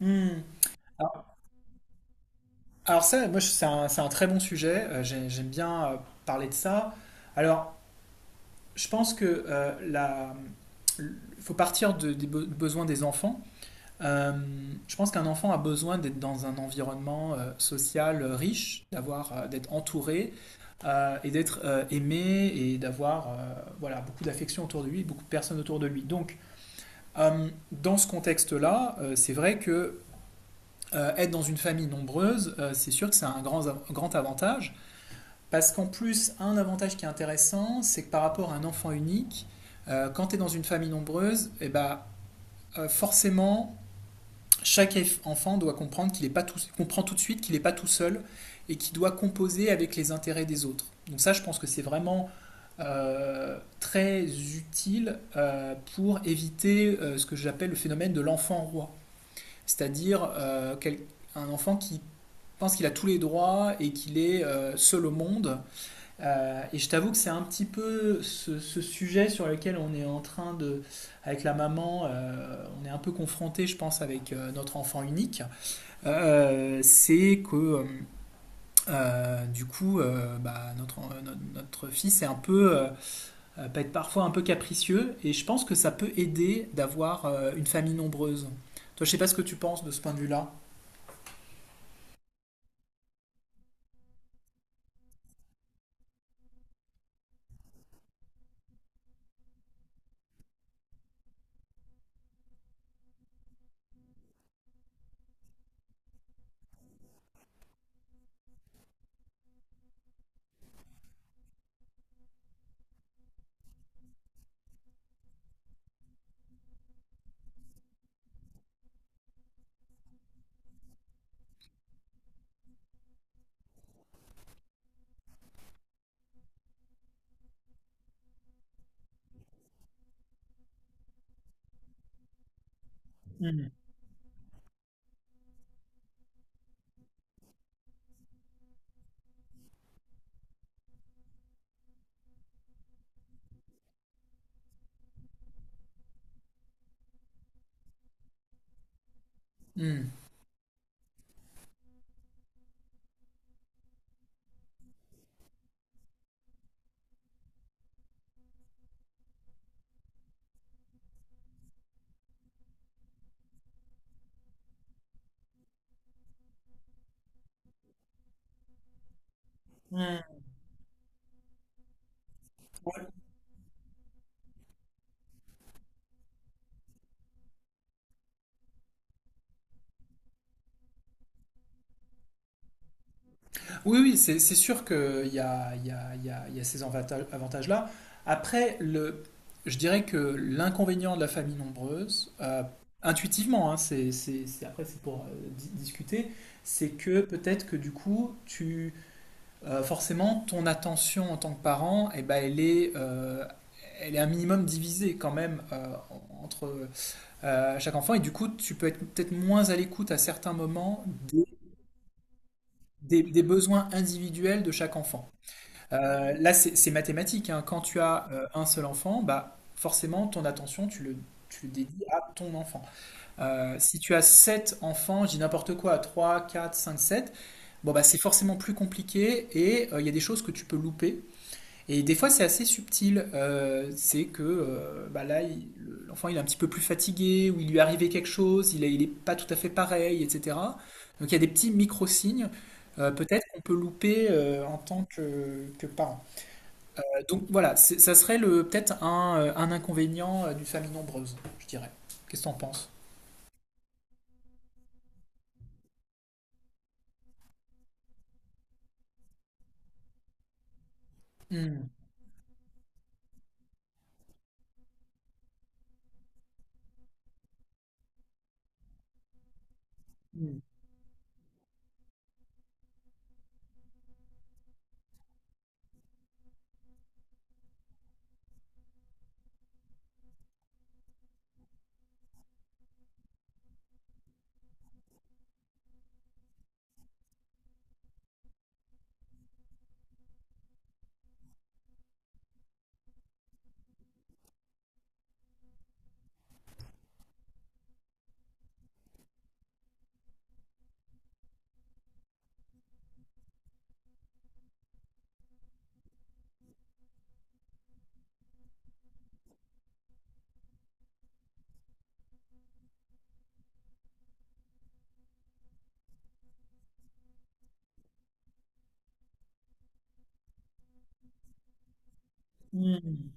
Hmm. Alors, alors ça, moi, je- c'est un très bon sujet. J'aime bien parler de ça. Alors, je pense que l- faut partir des besoins des enfants. Euh, je pense qu'un enfant a besoin d'être dans un environnement social riche, d'être entouré et d'être aimé et d'avoir beaucoup d'affection autour de lui, beaucoup de personnes autour de lui. Donc, dans ce contexte-là, c'est vrai que être dans une famille nombreuse, c'est sûr que c'est un grand avantage, parce qu'en plus, un avantage qui est intéressant, c'est que par rapport à un enfant unique, quand tu es dans une famille nombreuse, eh ben, forcément, chaque enfant doit comprendre qu'il est pas tout, comprend tout de suite qu'il n'est pas tout seul et qu'il doit composer avec les intérêts des autres. Donc ça, je pense que c'est vraiment très utile pour éviter ce que j'appelle le phénomène de l'enfant roi, c'est-à-dire un enfant qui je pense qu'il a tous les droits et qu'il est seul au monde. Et je t'avoue que c'est un petit peu ce sujet sur lequel on est en train de, avec la maman, on est un peu confronté, je pense, avec notre enfant unique. C'est que du coup, bah, notre, notre, notre, fils est un peu, peut être parfois un peu capricieux. Et je pense que ça peut aider d'avoir une famille nombreuse. Toi, je sais pas ce que tu penses de ce point de vue-là. Mmh. Mmh. Mmh. Oui, oui, c'est sûr qu'il y a, il y a- il y a- il y a ces avantages-là. Après, le, je dirais que l'inconvénient de la famille nombreuse, intuitivement, hein, après c'est pour discuter, c'est que peut-être que du coup, forcément, ton attention en tant que parent, eh ben, elle est un minimum divisée quand même entre chaque enfant, et du coup, tu peux être peut-être moins à l'écoute à certains moments des des besoins individuels de chaque enfant. Là, c'est mathématique, hein. Quand tu as un seul enfant, bah, forcément, ton attention, tu le dédies à ton enfant. Si tu as sept enfants, je dis n'importe quoi, 3, 4, 5, 7, bon, bah, c'est forcément plus compliqué et il y a des choses que tu peux louper. Et des fois, c'est assez subtil. C'est que bah, là, l'enfant, il est un petit peu plus fatigué ou il lui est arrivé quelque chose, il n'est est pas tout à fait pareil, etc. Donc, il y a des petits micro-signes, peut-être qu'on peut louper en tant que parent. Donc voilà, ça serait le peut-être un inconvénient d'une famille nombreuse, je dirais. Qu'est-ce que t'en penses? Hmm. Hmm.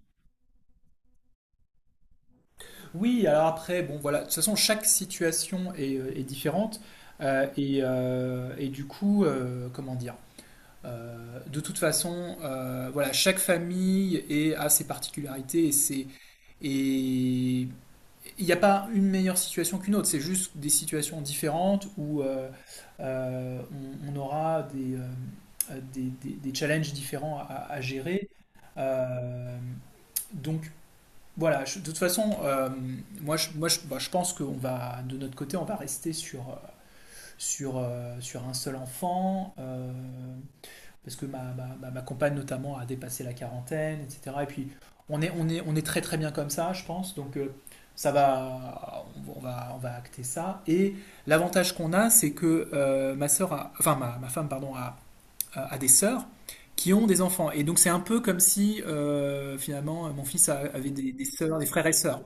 Oui, alors après, bon voilà, de toute façon, chaque situation est, est différente. Et et du coup, comment dire? De toute façon, voilà, chaque famille est, a ses particularités et il n'y a pas une meilleure situation qu'une autre, c'est juste des situations différentes où euh, on aura des, des challenges différents à gérer. Euh, donc voilà, de toute façon, moi, je pense qu'on va, de notre côté, on va rester sur, sur un seul enfant. Parce que ma compagne notamment a dépassé la quarantaine, etc. Et puis on est très très bien comme ça, je pense. Donc ça va, on va acter ça. Et l'avantage qu'on a, c'est que ma, ma femme, pardon, a, a des sœurs qui ont des enfants. Et donc c'est un peu comme si finalement mon fils avait des sœurs, des frères et sœurs.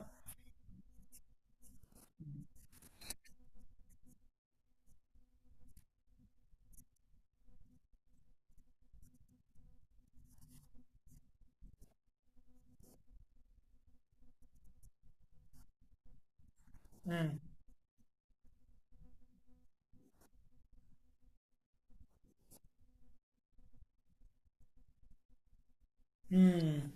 Hmm. Hmm.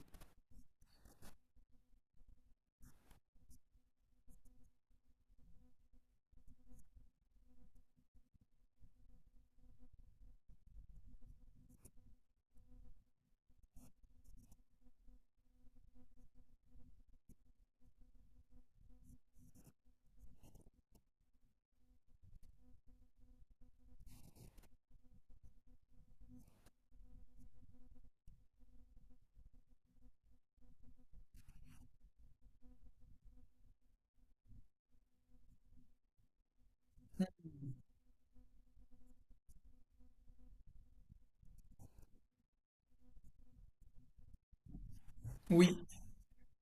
Oui.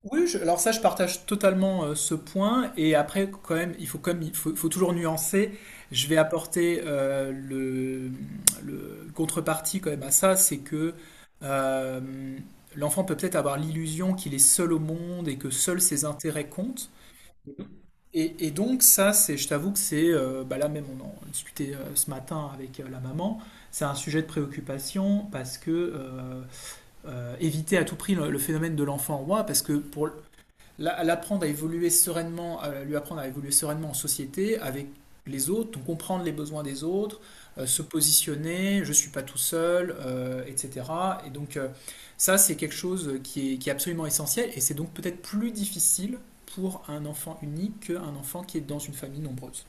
Oui, alors ça, je partage totalement ce point. Et après, quand même, il faut toujours nuancer. Je vais apporter le contrepartie quand même à ça, c'est que euh, l'enfant peut peut-être avoir l'illusion qu'il est seul au monde et que seuls ses intérêts comptent. Et donc ça, c'est, je t'avoue que c'est, bah là même, on en discutait ce matin avec la maman. C'est un sujet de préoccupation parce que éviter à tout prix le phénomène de l'enfant roi, parce que pour l'apprendre à évoluer sereinement, à lui apprendre à évoluer sereinement en société avec les autres, donc comprendre les besoins des autres, se positionner, je ne suis pas tout seul, etc. Et donc ça, c'est quelque chose qui est absolument essentiel et c'est donc peut-être plus difficile pour un enfant unique qu'un enfant qui est dans une famille nombreuse.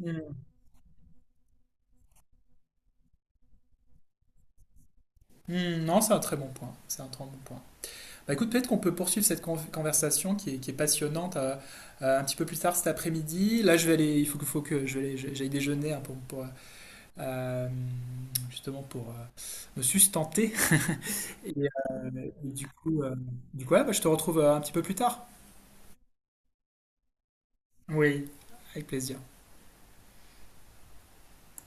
Mm. Hmm, non, c'est un très bon point. C'est un très bon point. Bah écoute, peut-être qu'on peut poursuivre cette conversation qui est passionnante un petit peu plus tard cet après-midi. Là, il faut que j'aille déjeuner hein, pour, euh, justement pour me sustenter. Et, euh, et du coup, euh, ouais, bah, je te retrouve un petit peu plus tard. Oui, avec plaisir.